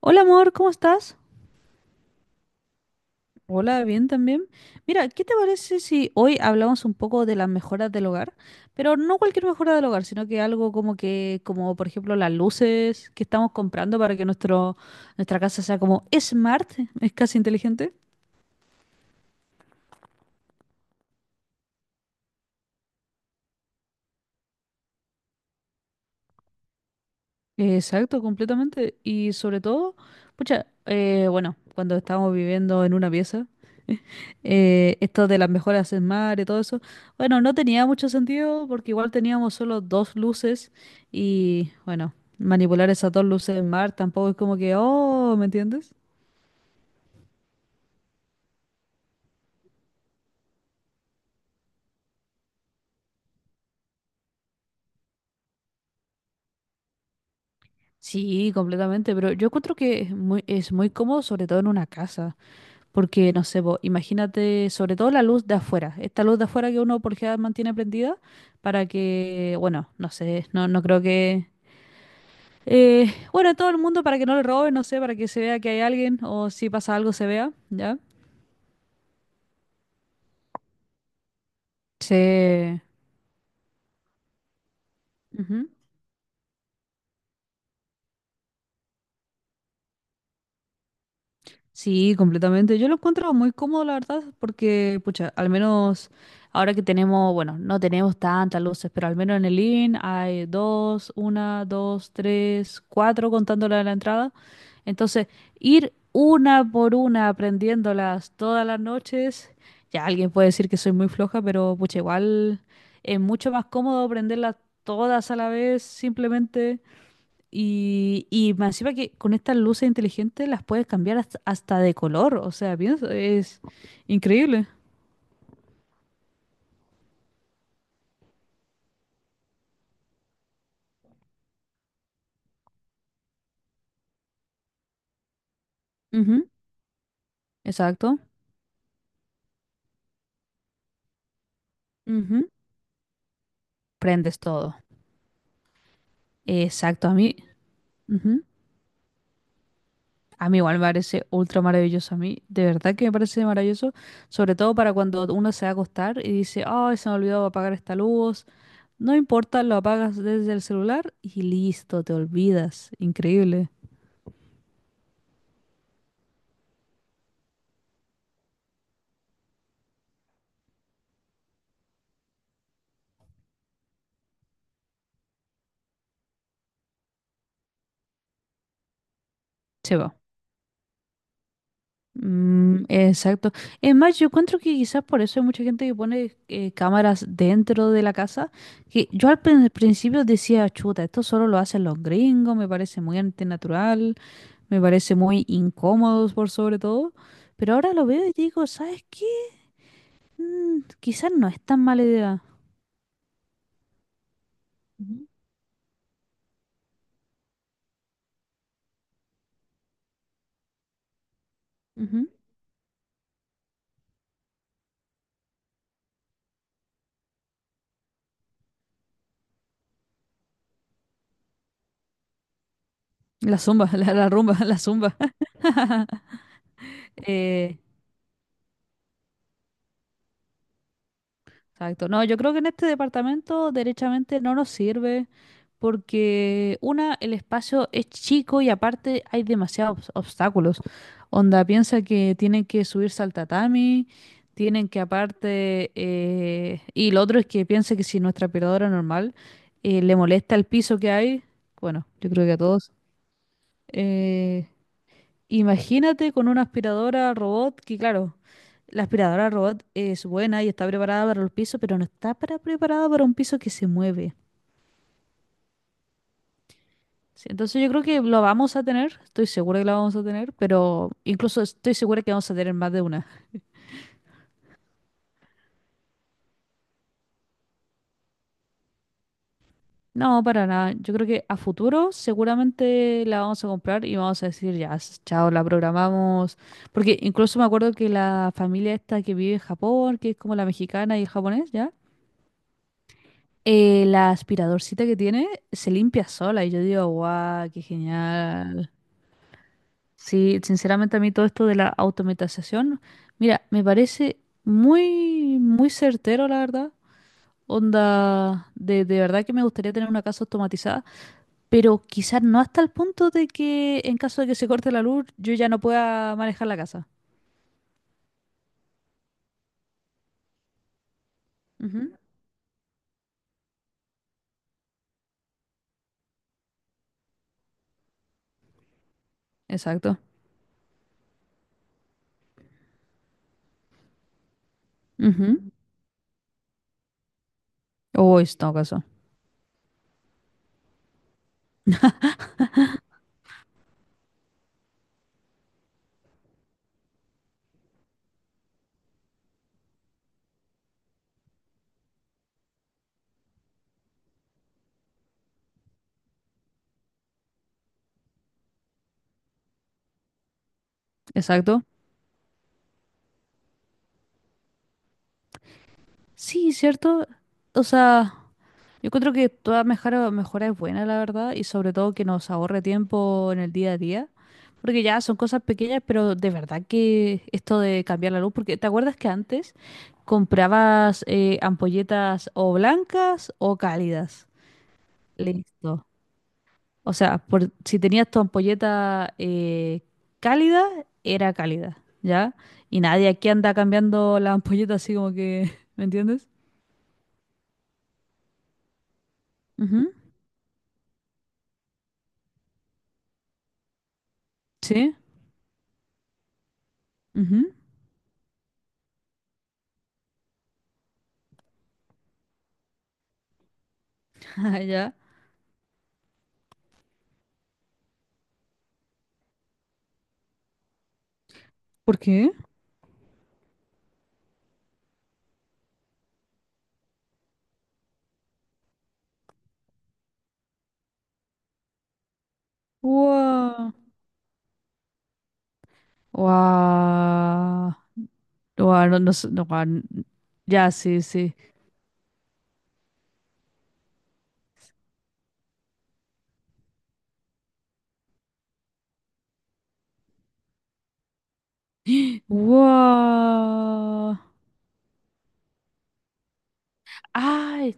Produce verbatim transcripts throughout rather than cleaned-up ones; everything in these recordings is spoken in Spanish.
Hola amor, ¿cómo estás? Hola, bien también. Mira, ¿qué te parece si hoy hablamos un poco de las mejoras del hogar? Pero no cualquier mejora del hogar, sino que algo como que, como por ejemplo las luces que estamos comprando para que nuestro, nuestra casa sea como smart, es casi inteligente. Exacto, completamente. Y sobre todo, pucha, eh, bueno, cuando estábamos viviendo en una pieza. Eh, esto de las mejoras en mar y todo eso. Bueno, no tenía mucho sentido porque igual teníamos solo dos luces y bueno, manipular esas dos luces en mar tampoco es como que, oh, ¿me entiendes? Sí, completamente, pero yo encuentro que es muy, es muy cómodo, sobre todo en una casa, porque no sé, po, imagínate, sobre todo la luz de afuera, esta luz de afuera que uno por lo general mantiene prendida para que, bueno, no sé, no, no creo que. Eh, bueno, en todo el mundo para que no le roben, no sé, para que se vea que hay alguien o si pasa algo se vea, ¿ya? Sí. Ujú. Sí, completamente. Yo lo encuentro muy cómodo, la verdad, porque, pucha, al menos ahora que tenemos, bueno, no tenemos tantas luces, pero al menos en el living hay dos, una, dos, tres, cuatro contando la de la entrada. Entonces, ir una por una aprendiéndolas todas las noches, ya alguien puede decir que soy muy floja, pero pucha, igual es mucho más cómodo aprenderlas todas a la vez simplemente. Y, y más encima que con estas luces inteligentes las puedes cambiar hasta, hasta de color, o sea, pienso, es increíble. Ujú. Exacto. Ujú. Prendes todo. Exacto, a mí. Ujú. A mí igual me parece ultra maravilloso. A mí, de verdad que me parece maravilloso, sobre todo para cuando uno se va a acostar y dice, ay, se me olvidó apagar esta luz. No importa, lo apagas desde el celular y listo, te olvidas. Increíble. Se va. Mm, exacto. Es más, yo encuentro que quizás por eso hay mucha gente que pone eh, cámaras dentro de la casa, que yo al prin- principio decía, chuta, esto solo lo hacen los gringos, me parece muy antinatural. Me parece muy incómodo por sobre todo, pero ahora lo veo y digo, ¿sabes qué? Mm, quizás no es tan mala idea. Ujú, ujú. La zumba, la, la rumba, la zumba. Eh, exacto. No, yo creo que en este departamento derechamente no nos sirve. Porque una, el espacio es chico y aparte hay demasiados obs- obstáculos. Onda, piensa que tienen que subirse al tatami, tienen que aparte. Eh, y lo otro es que piensa que si nuestra aspiradora normal eh, le molesta el piso que hay, bueno, yo creo que a todos. eh, Imagínate con una aspiradora robot que, claro, la aspiradora robot es buena y está preparada para los pisos, pero no está para- preparada para un piso que se mueve. Sí, entonces yo creo que lo vamos a tener, estoy segura que lo vamos a tener, pero incluso estoy segura que vamos a tener más de una. No, para nada. Yo creo que a futuro seguramente la vamos a comprar y vamos a decir, ya, s- chao, la programamos. Porque incluso me acuerdo que la familia esta que vive en Japón, que es como la mexicana y el japonés, ¿ya? Eh, la aspiradorcita que tiene se limpia sola y yo digo, guau, qué genial. Sí, sinceramente a mí todo esto de la automatización, mira, me parece muy, muy certero, la verdad. Onda, de, de verdad que me gustaría tener una casa automatizada, pero quizás no hasta el punto de que en caso de que se corte la luz, yo ya no pueda manejar la casa. Ujú. Exacto. Ujú. O en todo caso. Exacto. Sí, cierto. O sea, yo encuentro que toda mejora, mejora es buena, la verdad, y sobre todo que nos ahorre tiempo en el día a día. Porque ya son cosas pequeñas, pero de verdad que esto de cambiar la luz, porque ¿te acuerdas que antes comprabas eh, ampolletas o blancas o cálidas? Listo. O sea, por, si tenías tu ampolleta eh, cálida, era cálida, ¿ya? Y nadie aquí anda cambiando la ampolleta así como que, ¿me entiendes? Ujú. Sí. Ujú. Ah, ya. ¿Por qué? Wow. Wow. Wow, no, no, sé, no, guau, n- ya, sí, sí. ¡Wow! ¡Ay!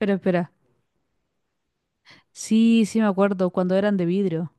Espera, espera. Sí, sí me acuerdo, cuando eran de vidrio.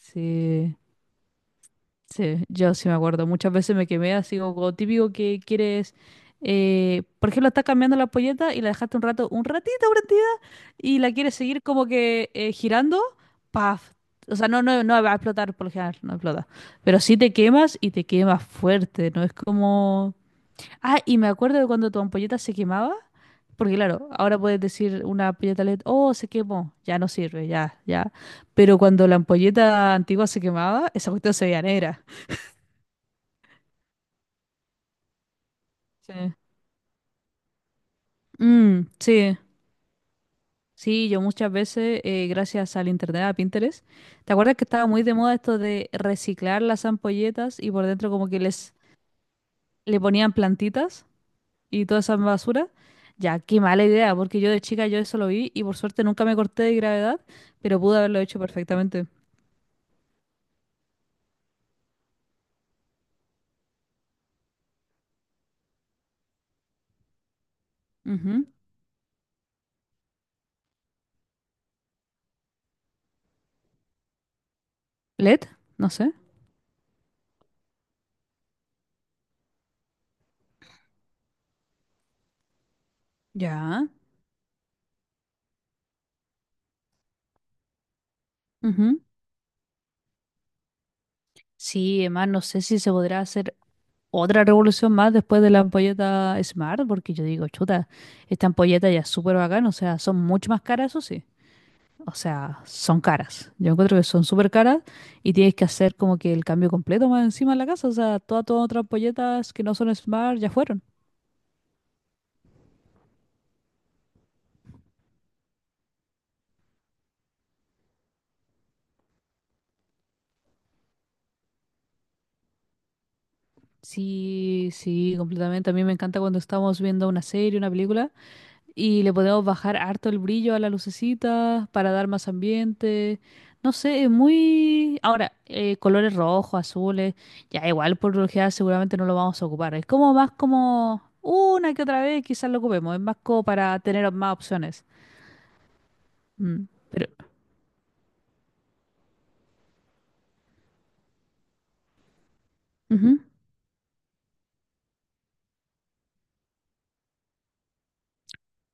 Sí, sí, yo sí me acuerdo. Muchas veces me quemé así como, como típico que quieres. Eh, por ejemplo, estás cambiando la polleta y la dejaste un rato, un ratito prendida, y la quieres seguir como que eh, girando, ¡paf! O sea, no, no, no va a explotar por lo general, no explota. Pero sí te quemas y te quemas fuerte, no es como. Ah, y me acuerdo de cuando tu ampolleta se quemaba, porque claro, ahora puedes decir una ampolleta L E D, oh, se quemó, ya no sirve, ya, ya. Pero cuando la ampolleta antigua se quemaba, esa cuestión se veía negra. Sí. Mm, sí, sí, yo muchas veces, eh, gracias al internet, a Pinterest, ¿te acuerdas que estaba muy de moda esto de reciclar las ampolletas y por dentro como que les le ponían plantitas? Y toda esa basura. Ya, qué mala idea, porque yo de chica yo eso lo vi y por suerte nunca me corté de gravedad, pero pude haberlo hecho perfectamente. Ujú. L E D, no sé. Ya. Ujú. Sí, además no sé si se podrá hacer otra revolución más después de la ampolleta Smart, porque yo digo, chuta, esta ampolleta ya es súper bacán, o sea, son mucho más caras, eso sí. O sea, son caras. Yo encuentro que son súper caras y tienes que hacer como que el cambio completo más encima de la casa. O sea, toda, toda otra ampolletas que no son Smart ya fueron. Sí, sí, completamente. A mí me encanta cuando estamos viendo una serie, una película, y le podemos bajar harto el brillo a la lucecita para dar más ambiente. No sé, es muy. Ahora, eh, colores rojos, azules, ya igual por lo general seguramente no lo vamos a ocupar. Es como más como una que otra vez quizás lo ocupemos. Es más como para tener más opciones. Mm, pero. Ujú.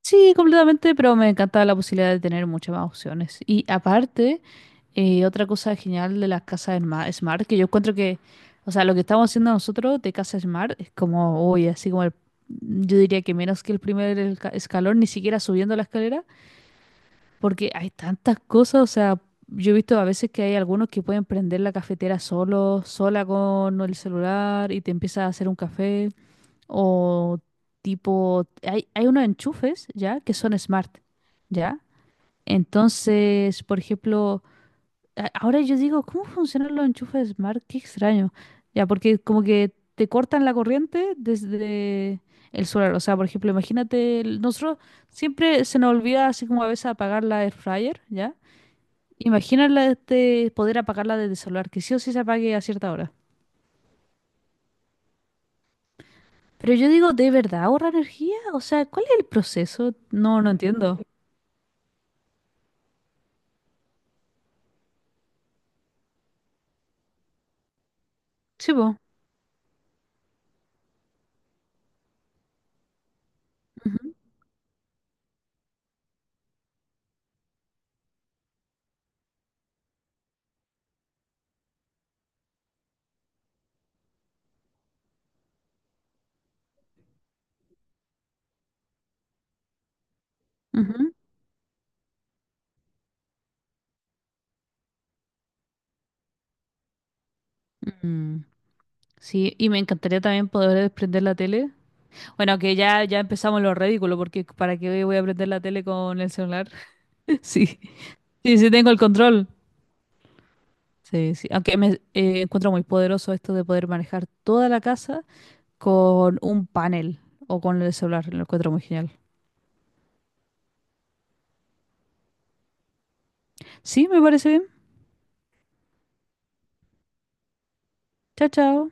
Sí, completamente, pero me encantaba la posibilidad de tener muchas más opciones. Y aparte. Y otra cosa genial de las casas sma- Smart, que yo encuentro que, o sea, lo que estamos haciendo nosotros de casa Smart es como, uy, así como el- yo diría que menos que el primer elca- escalón, ni siquiera subiendo la escalera, porque hay tantas cosas, o sea, yo he visto a veces que hay algunos que pueden prender la cafetera solo, sola con el celular y te empieza a hacer un café, o tipo, hay, hay unos enchufes, ¿ya? Que son Smart, ¿ya? Entonces, por ejemplo a- ahora yo digo, ¿cómo funcionan los enchufes Smart? Qué extraño. Ya, porque como que te cortan la corriente desde el solar. O sea, por ejemplo, imagínate, el- nosotros siempre se nos olvida así como a veces apagar la air fryer, ¿ya? Imagínala este, poder apagarla desde el solar, que sí o sí se apague a cierta hora. Pero yo digo, ¿de verdad ahorra energía? O sea, ¿cuál es el proceso? No, no entiendo. Sí, po. Ujú, ujú. Mm, sí, y me encantaría también poder desprender la tele. Bueno, que ya, ya empezamos lo ridículo, porque ¿para qué voy a prender la tele con el celular? Sí, sí, sí tengo el control. Sí, sí. Aunque me eh, encuentro muy poderoso esto de poder manejar toda la casa con un panel o con el celular. Lo encuentro muy genial. Sí, me parece bien. Chao, chao.